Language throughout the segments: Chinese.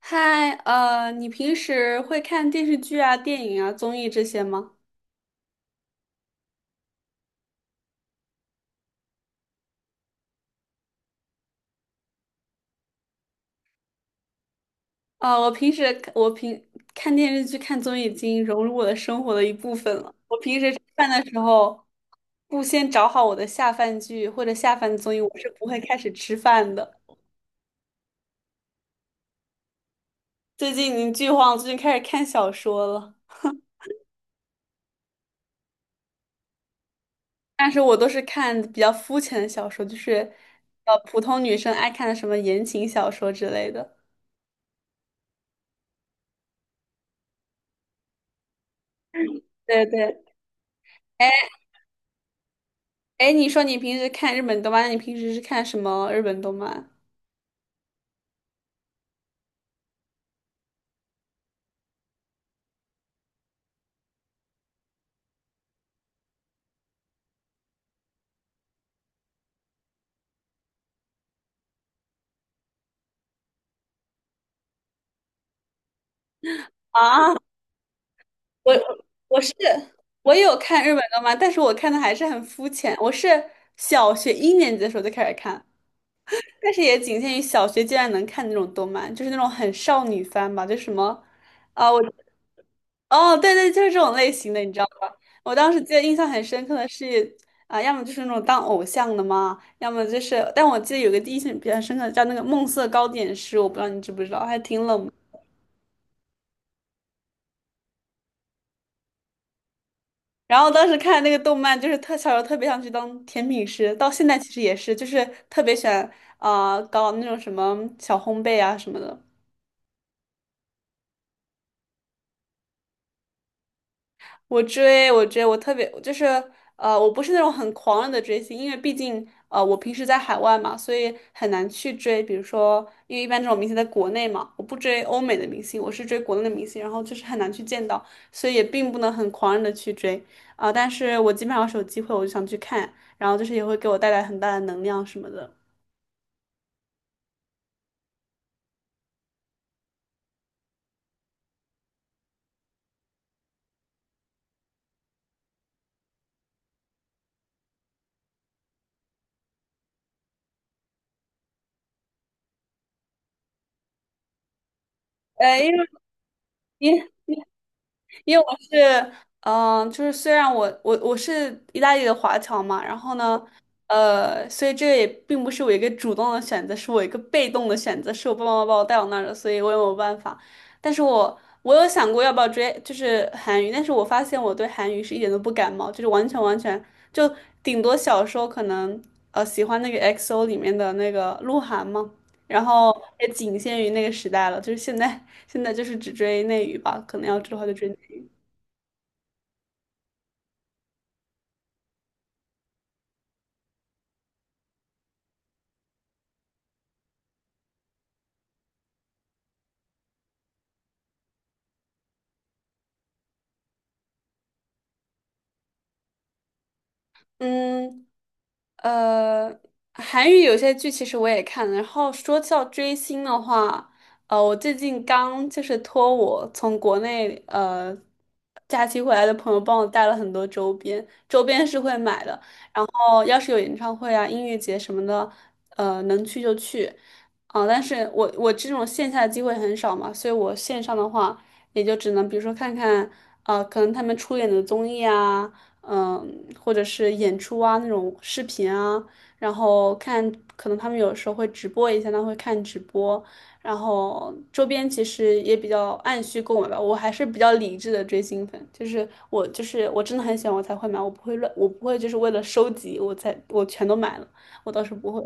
嗨，你平时会看电视剧啊、电影啊、综艺这些吗？啊、我平时我平看电视剧、看综艺已经融入我的生活的一部分了。我平时吃饭的时候，不先找好我的下饭剧或者下饭综艺，我是不会开始吃饭的。最近已经剧荒，最近开始看小说了，但是我都是看比较肤浅的小说，就是普通女生爱看的什么言情小说之类的。对对。哎哎，你说你平时看日本动漫，那你平时是看什么日本动漫？啊，我我是我有看日本动漫，但是我看的还是很肤浅。我是小学一年级的时候就开始看，但是也仅限于小学阶段能看那种动漫，就是那种很少女番吧，就什么啊，我哦，对对，就是这种类型的，你知道吧？我当时记得印象很深刻的是要么就是那种当偶像的嘛，要么就是，但我记得有个第一印象比较深刻的叫那个《梦色糕点师》，我不知道你知不知道，还挺冷门。然后当时看那个动漫，就是特小时候特别想去当甜品师，到现在其实也是，就是特别喜欢搞那种什么小烘焙啊什么的。我特别就是我不是那种很狂热的追星，因为毕竟我平时在海外嘛，所以很难去追。比如说，因为一般这种明星在国内嘛，我不追欧美的明星，我是追国内的明星，然后就是很难去见到，所以也并不能很狂热的去追。但是我基本上是有机会，我就想去看，然后就是也会给我带来很大的能量什么的。呃，因为因因为我是，就是虽然我是意大利的华侨嘛，然后呢，所以这个也并不是我一个主动的选择，是我一个被动的选择，是我爸爸妈妈把我带到那儿的，所以我也没有办法。但是我我有想过要不要追，就是韩语，但是我发现我对韩语是一点都不感冒，就是完全完全就顶多小时候可能喜欢那个 XO 里面的那个鹿晗嘛，然后也仅限于那个时代了，就是现在就是只追内娱吧，可能要追的话就追。内娱。嗯，呃，韩语有些剧其实我也看了。然后说到追星的话，我最近刚就是托我从国内假期回来的朋友帮我带了很多周边，周边是会买的。哦，要是有演唱会啊、音乐节什么的，能去就去，但是我这种线下的机会很少嘛，所以我线上的话，也就只能比如说看看，啊，可能他们出演的综艺啊，或者是演出啊那种视频啊，然后看，可能他们有时候会直播一下，那会看直播，然后周边其实也比较按需购买吧，我还是比较理智的追星粉，就是我真的很喜欢我才会买，我不会乱，我不会就是为了收集我才全都买了，我倒是不会。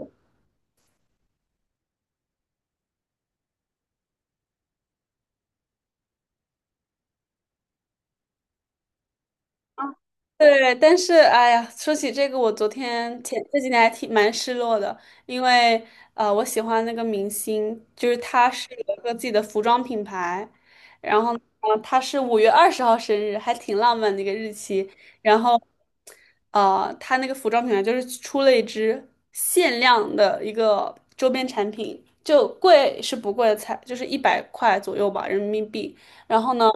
对，但是哎呀，说起这个，我昨天前这几天还挺蛮失落的，因为我喜欢那个明星，就是他是有一个自己的服装品牌，然后呢，他是5月20号生日，还挺浪漫的一个日期。然后，他那个服装品牌就是出了一支限量的一个周边产品，就贵是不贵的，才就是100块左右吧，人民币。然后呢，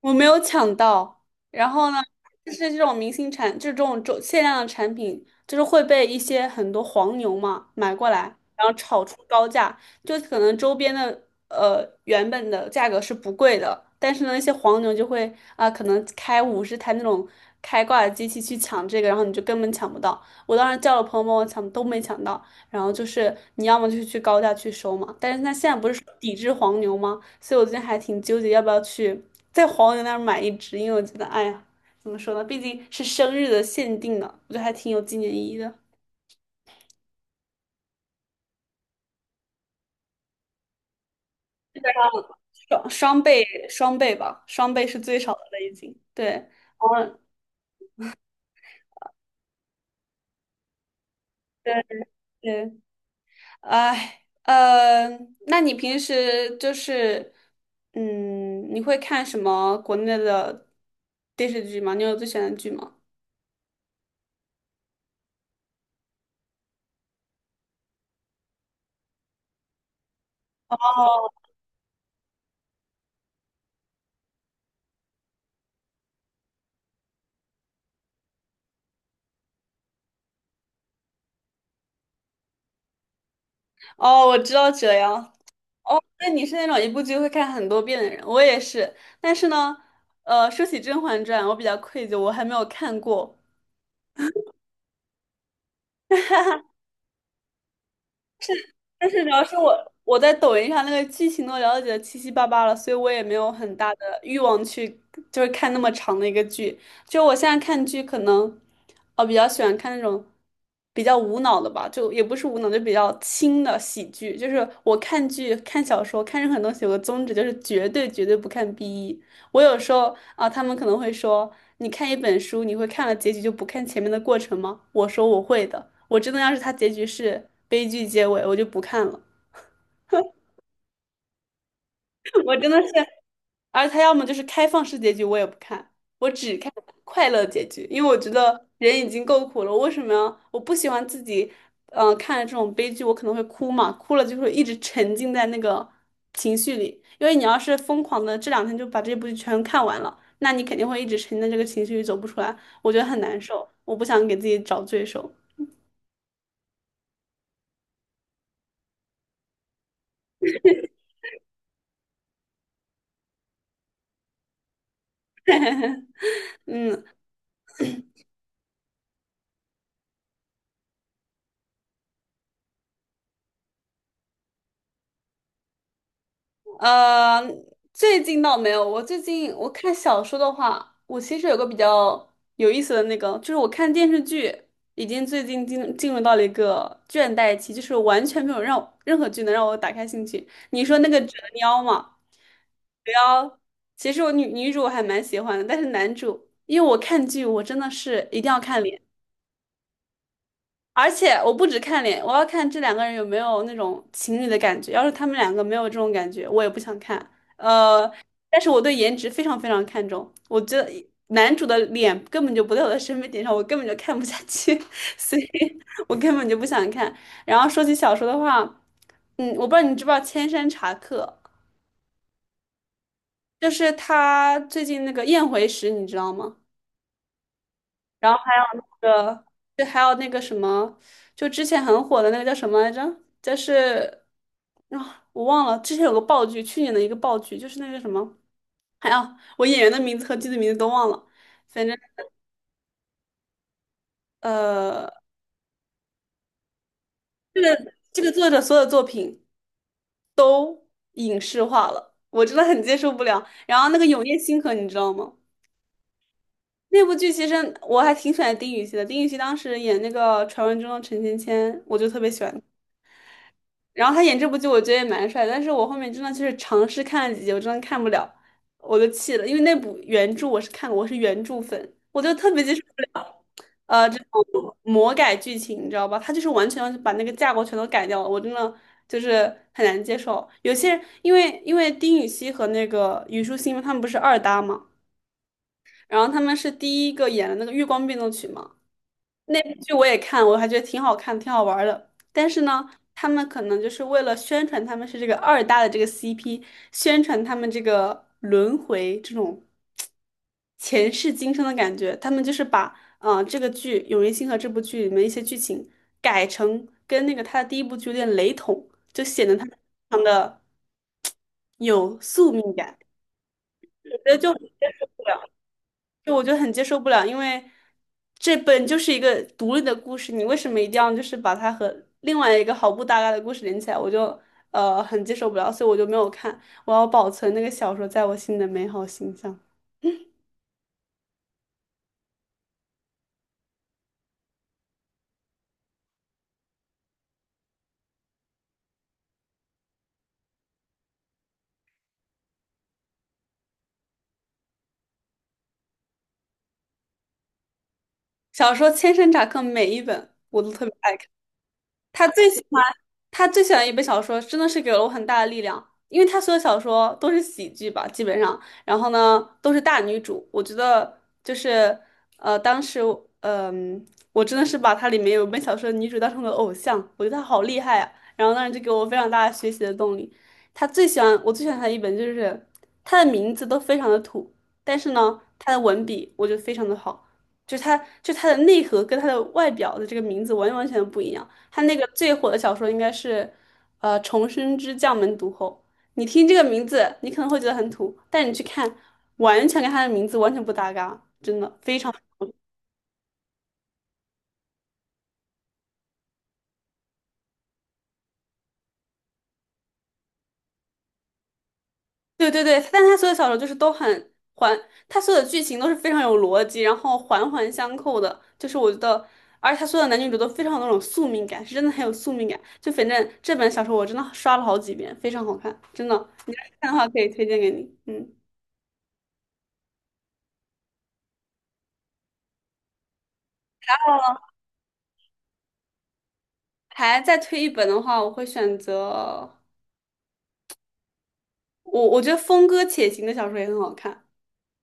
我没有抢到，然后呢，就是这种明星产，就是这种限量的产品，就是会被一些很多黄牛嘛买过来，然后炒出高价，就可能周边的原本的价格是不贵的，但是呢，那些黄牛就会可能开50台那种开挂的机器去抢这个，然后你就根本抢不到。我当时叫了朋友帮我抢，都没抢到。然后就是你要么就去高价去收嘛，但是他现在不是说抵制黄牛吗？所以我最近还挺纠结要不要去在黄牛那儿买一只，因为我觉得，哎呀，怎么说呢，毕竟是生日的限定呢，我觉得还挺有纪念意义的。双双倍双倍吧，双倍是最少的了已经。对，嗯，对对。哎，呃，那你平时就是，你会看什么国内的电视剧吗？你有最喜欢的剧吗？哦，我知道这样。哦，那你是那种一部剧会看很多遍的人，我也是。但是呢，说起《甄嬛传》，我比较愧疚，我还没有看过。但是主要是我在抖音上那个剧情都了解的七七八八了，所以我也没有很大的欲望去就是看那么长的一个剧。就我现在看剧，可能比较喜欢看那种比较无脑的吧，就也不是无脑，就比较轻的喜剧。就是我看剧、看小说、看任何东西，有个宗旨就是绝对绝对不看 BE。我有时候啊，他们可能会说，你看一本书，你会看了结局就不看前面的过程吗？我说我会的，我真的要是它结局是悲剧结尾，我就不看了。我真的是，而他要么就是开放式结局，我也不看，我只看快乐结局，因为我觉得人已经够苦了，为什么要？我不喜欢自己，看这种悲剧，我可能会哭嘛，哭了就会一直沉浸在那个情绪里。因为你要是疯狂的这两天就把这部剧全看完了，那你肯定会一直沉浸在这个情绪里走不出来，我觉得很难受，我不想给自己找罪受。嗯。呃，最近倒没有。我最近我看小说的话，我其实有个比较有意思的那个，就是我看电视剧，已经最近进入到了一个倦怠期，就是完全没有让任何剧能让我打开兴趣。你说那个折腰嘛，折腰，其实女主我还蛮喜欢的，但是男主，因为我看剧我真的是一定要看。脸。而且我不只看脸，我要看这两个人有没有那种情侣的感觉。要是他们两个没有这种感觉，我也不想看。呃，但是我对颜值非常非常看重，我觉得男主的脸根本就不在我的审美点上，我根本就看不下去，所以我根本就不想看。然后说起小说的话，我不知道你知不知道《千山茶客》，就是他最近那个《宴回时》，你知道吗？然后还有那个，就还有那个什么，就之前很火的那个叫什么来着？就是啊，我忘了，之前有个爆剧，去年的一个爆剧，就是那个什么，还有我演员的名字和剧的名字都忘了，反正呃，这个作者所有作品影视化了，我真的很接受不了。然后那个《永夜星河》，你知道吗？那部剧其实我还挺喜欢丁禹兮的，丁禹兮当时演那个《传闻中的陈芊芊》，我就特别喜欢。然后他演这部剧，我觉得也蛮帅的，但是我后面真的就是尝试看了几集，我真的看不了，我就气了，因为那部原著我是看过，我是原著粉，我就特别接受不了，这种魔改剧情，你知道吧？他就是完全要把那个架构全都改掉了，我真的就是很难接受。有些人因为丁禹兮和那个虞书欣他们不是二搭嘛，然后他们是第一个演的那个《月光变奏曲》嘛。那部剧我也看，我还觉得挺好看，挺好玩儿的。但是呢，他们可能就是为了宣传他们是这个二搭的这个 CP，宣传他们这个轮回这种前世今生的感觉，他们就是把这个剧《永夜星河》这部剧里面一些剧情改成跟那个他的第一部剧有点雷同，就显得他们非常的有宿命感。我觉得就。就我觉得很接受不了，因为这本就是一个独立的故事，你为什么一定要就是把它和另外一个毫不搭嘎的故事连起来？我就很接受不了，所以我就没有看。我要保存那个小说在我心里的美好形象。小说千山茶客每一本我都特别爱看。他最喜欢他最喜欢一本小说，真的是给了我很大的力量，因为他所有小说都是喜剧吧，基本上，然后呢都是大女主，我觉得就是呃，当时嗯、呃我真的是把它里面有一本小说的女主当成了偶像，我觉得她好厉害啊，然后当时就给我非常大的学习的动力。他最喜欢我最喜欢他的一本就是他的名字都非常的土，但是呢他的文笔我觉得非常的好，就是他就他的内核跟他的外表的这个名字完完全不一样。他那个最火的小说应该是，《重生之将门毒后》。你听这个名字，你可能会觉得很土，但你去看，完全跟他的名字完全不搭嘎，真的非常。对对对，但他所有小说就是都很环，他所有的剧情都是非常有逻辑，然后环环相扣的。就是我觉得，而且他所有的男女主都非常有那种宿命感，是真的很有宿命感。就反正这本小说我真的刷了好几遍，非常好看，真的。你要是看的话，可以推荐给你。嗯，还再推一本的话，我会选择。我觉得峰哥且行的小说也很好看。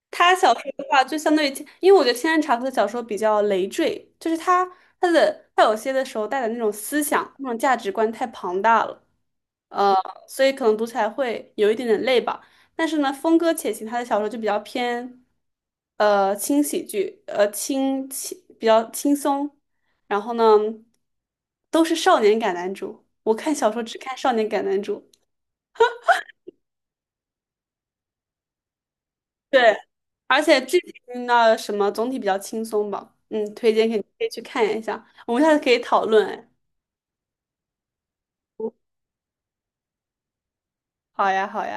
他小说的话，就相对于，因为我觉得天山茶夫的小说比较累赘，就是他他有些的时候带的那种思想、那种价值观太庞大了，呃，所以可能读起来会有一点点累吧。但是呢，峰哥且行他的小说就比较偏，轻喜剧，呃，轻轻比较轻松，然后呢，都是少年感男主。我看小说只看少年感男主。对，而且剧情的什么总体比较轻松吧，嗯，推荐给你可以去看一下，我们下次可以讨论，哎，好呀，好呀。